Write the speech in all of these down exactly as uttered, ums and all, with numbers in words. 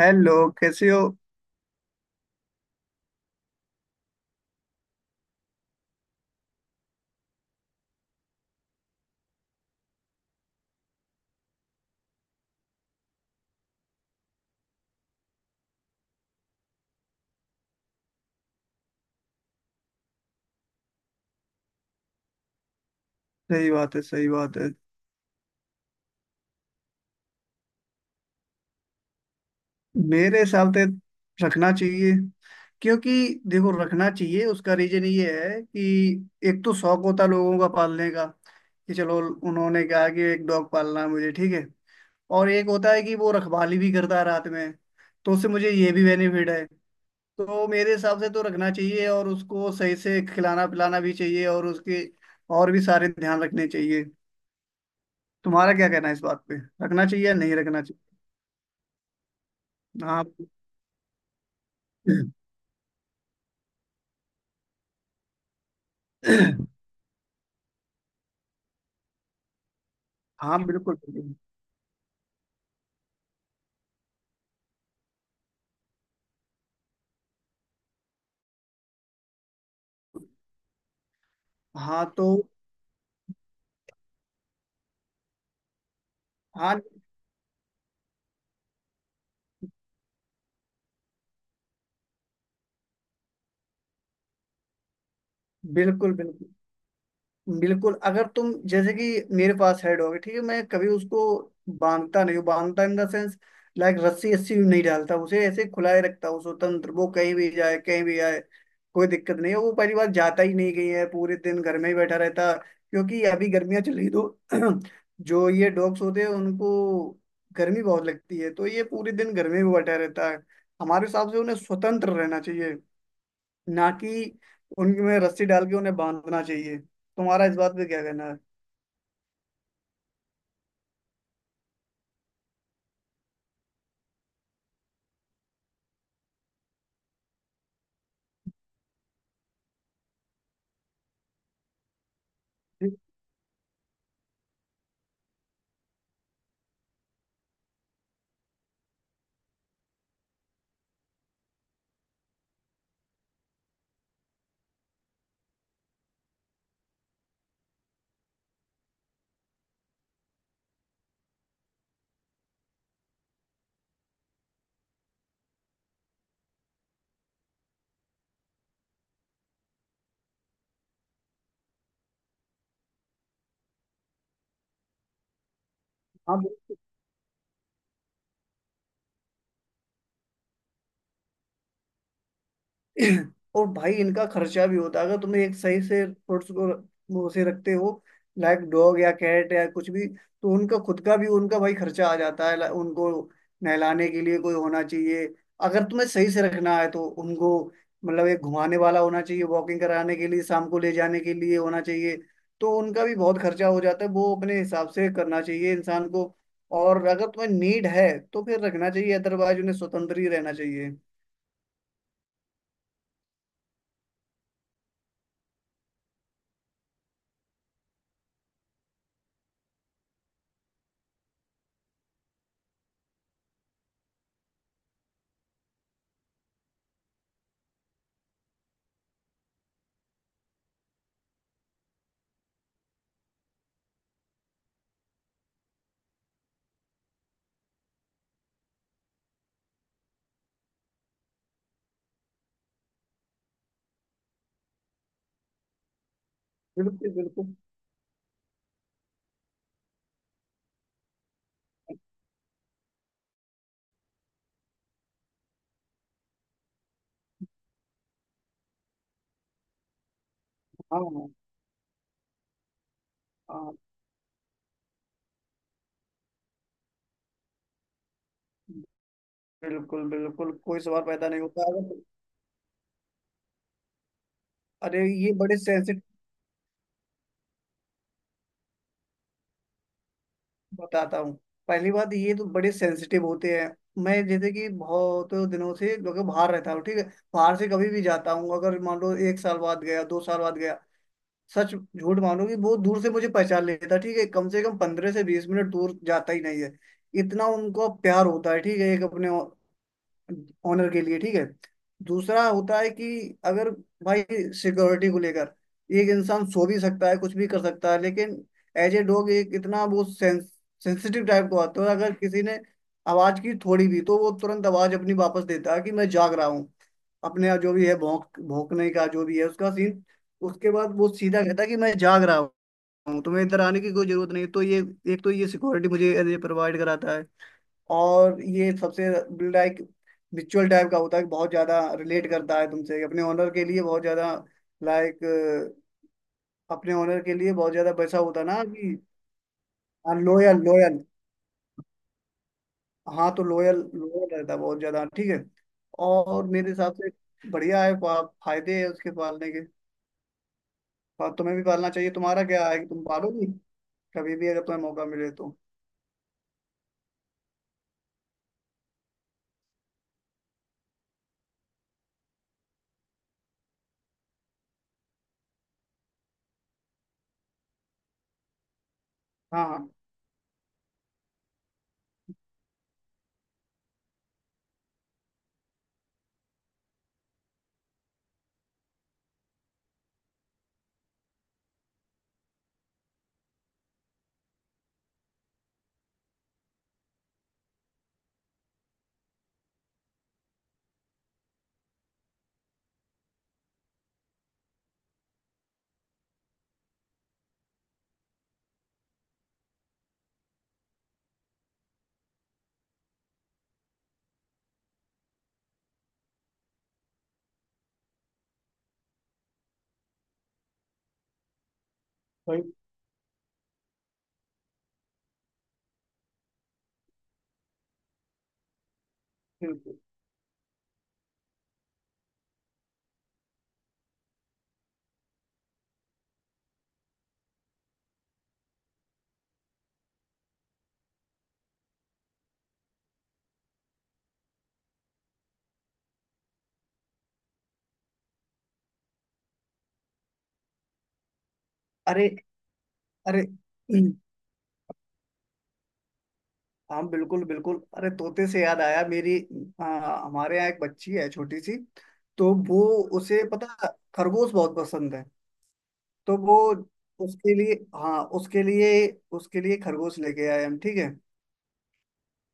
Hello, कैसे हो। सही बात है, सही बात है। मेरे हिसाब से रखना चाहिए, क्योंकि देखो रखना चाहिए उसका रीजन ये है कि एक तो शौक होता है लोगों का पालने का कि चलो उन्होंने कहा कि एक डॉग पालना है मुझे, ठीक है। और एक होता है कि वो रखवाली भी करता है रात में, तो उससे मुझे ये भी बेनिफिट है। तो मेरे हिसाब से तो रखना चाहिए और उसको सही से खिलाना पिलाना भी चाहिए, और उसके और भी सारे ध्यान रखने चाहिए। तुम्हारा क्या कहना है इस बात पे, रखना चाहिए या नहीं रखना चाहिए। हाँ, हाँ, बिल्कुल बिल्कुल। हाँ, तो हाँ बिल्कुल बिल्कुल बिल्कुल। अगर तुम जैसे कि मेरे पास हेड होगी, ठीक है, मैं कभी उसको बांधता नहीं हूँ, बांधता इन द सेंस लाइक रस्सी, रस्सी नहीं डालता उसे, ऐसे खुला ही रखता हूँ स्वतंत्र। वो कहीं भी जाए कहीं भी आए, कोई दिक्कत नहीं है। वो पहली बार जाता ही नहीं कहीं है, पूरे दिन घर में ही बैठा रहता, क्योंकि अभी गर्मियाँ चल रही। तो जो ये डॉग्स होते हैं उनको गर्मी बहुत लगती है, तो ये पूरे दिन घर में भी बैठा रहता है। हमारे हिसाब से उन्हें स्वतंत्र रहना चाहिए, ना कि उनमें रस्सी डाल के उन्हें बांधना चाहिए। तुम्हारा इस बात पे क्या कहना है। जी, हाँ। और भाई इनका खर्चा भी होता है। अगर तुम्हें एक सही से पेट्स को वो से रखते हो, लाइक डॉग या कैट या कुछ भी, तो उनका खुद का भी उनका भाई खर्चा आ जाता है। ला- उनको नहलाने के लिए कोई होना चाहिए। अगर तुम्हें सही से रखना है तो उनको मतलब एक घुमाने वाला होना चाहिए, वॉकिंग कराने के लिए शाम को ले जाने के लिए होना चाहिए। तो उनका भी बहुत खर्चा हो जाता है, वो अपने हिसाब से करना चाहिए इंसान को। और अगर तुम्हें नीड है तो फिर रखना चाहिए, अदरवाइज उन्हें स्वतंत्र ही रहना चाहिए। बिल्कुल बिल्कुल। हाँ, हाँ, बिल्कुल बिल्कुल कोई सवाल पैदा नहीं होता अगर। अरे ये बड़े सेंसिटिव, बताता हूँ। पहली बात, ये तो बड़े सेंसिटिव होते हैं। मैं जैसे कि बहुत दिनों से लोग बाहर रहता हूँ, ठीक है। बाहर से कभी भी जाता हूँ, अगर मान लो एक साल बाद गया, दो साल बाद गया, सच झूठ मानो कि बहुत दूर से मुझे पहचान लेता, ठीक है। कम से कम पंद्रह से बीस मिनट दूर जाता ही नहीं है, इतना उनको प्यार होता है, ठीक है, एक अपने ऑनर के लिए, ठीक है। दूसरा होता है कि अगर भाई सिक्योरिटी को लेकर, एक इंसान सो भी सकता है कुछ भी कर सकता है, लेकिन एज ए डॉग एक इतना वो सेंसिटिव टाइप का होता है, अगर किसी ने आवाज की थोड़ी भी तो वो तुरंत आवाज अपनी वापस देता है कि मैं जाग रहा हूँ। अपने जो भी है भौंक भौंकने का जो भी है उसका सीन, उसके बाद वो सीधा कहता है कि मैं जाग रहा हूँ, तुम्हें इधर आने की कोई जरूरत नहीं। तो ये एक तो ये सिक्योरिटी मुझे प्रोवाइड कराता है। और ये सबसे लाइक रिचुअल टाइप का होता है कि बहुत ज़्यादा रिलेट करता है तुमसे, अपने ओनर के लिए बहुत ज़्यादा, लाइक अपने ओनर के लिए बहुत ज़्यादा वैसा होता है ना कि लोयल, लोयल। हाँ, तो लोयल, लोयल रहता है बहुत ज़्यादा, ठीक है। और मेरे हिसाब से बढ़िया है, फा- फायदे है उसके पालने के। और तुम्हें भी पालना चाहिए। तुम्हारा क्या है कि तुम पालोगी कभी भी अगर तुम्हें मौका मिले तो। हाँ, हाँ, भाई बिल्कुल। अरे, अरे। हाँ बिल्कुल बिल्कुल। अरे, तोते से याद आया मेरी। हाँ, हमारे यहाँ एक बच्ची है छोटी सी। तो वो, उसे पता, खरगोश बहुत पसंद है। तो वो, उसके लिए, हाँ उसके लिए, उसके लिए खरगोश लेके आए हम, ठीक है।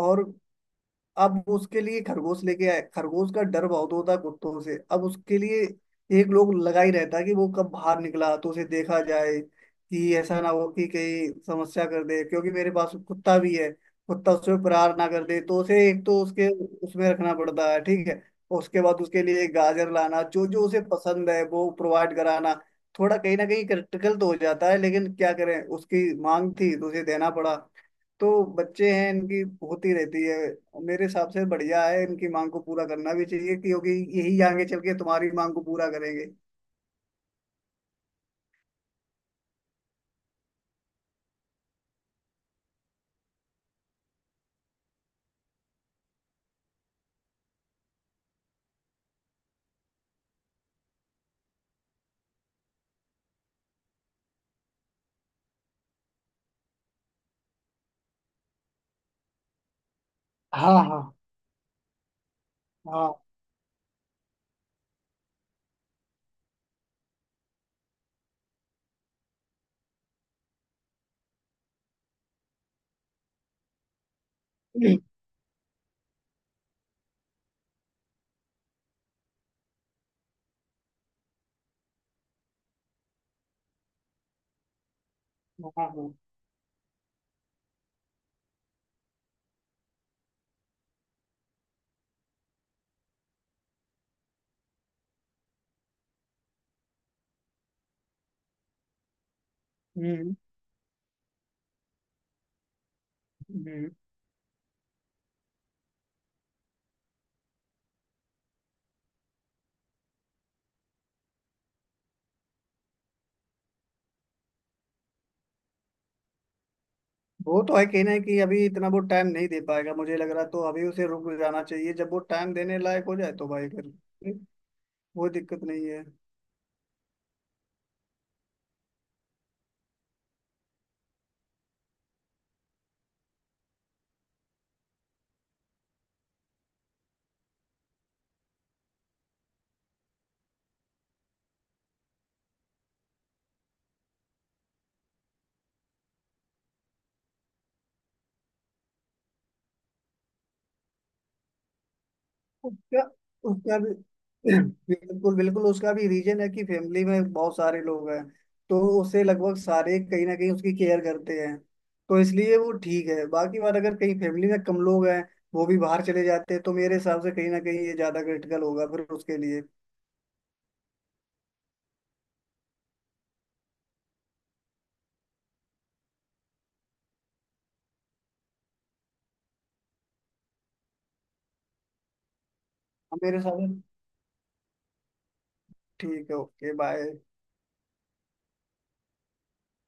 और अब उसके लिए खरगोश लेके आए। खरगोश का डर बहुत होता है कुत्तों से। अब उसके लिए एक लोग लगा ही रहता है कि वो कब बाहर निकला तो उसे देखा जाए, कि ऐसा ना हो कि कहीं समस्या कर दे, क्योंकि मेरे पास कुत्ता भी है। कुत्ता उस पर प्रहार ना कर दे, तो उसे एक तो उसके उसमें रखना पड़ता है, ठीक है। उसके बाद उसके लिए गाजर लाना, जो जो उसे पसंद है वो प्रोवाइड कराना। थोड़ा कहीं ना कहीं क्रिटिकल तो हो जाता है, लेकिन क्या करें उसकी मांग थी तो उसे देना पड़ा। तो बच्चे हैं, इनकी होती रहती है। मेरे हिसाब से बढ़िया है, इनकी मांग को पूरा करना भी चाहिए, क्योंकि यही आगे चल के तुम्हारी मांग को पूरा करेंगे। हाँ, हाँ, हाँ, हाँ, हाँ। हम्म, हम्म। वो तो है, कहना है कि अभी इतना वो टाइम नहीं दे पाएगा मुझे लग रहा है, तो अभी उसे रुक जाना चाहिए, जब वो टाइम देने लायक हो जाए तो भाई फिर कोई दिक्कत नहीं है। उसका उसका भी, बिल्कुल बिल्कुल, उसका भी रीजन है कि फैमिली में बहुत सारे लोग हैं, तो उसे लगभग सारे कहीं ना कहीं उसकी केयर करते हैं, तो इसलिए वो ठीक है। बाकी बात, अगर कहीं फैमिली में कम लोग हैं, वो भी बाहर चले जाते हैं, तो मेरे हिसाब से कहीं ना कहीं ये ज्यादा क्रिटिकल होगा फिर उसके लिए। मेरे हिसाब से ठीक है। Okay, bye.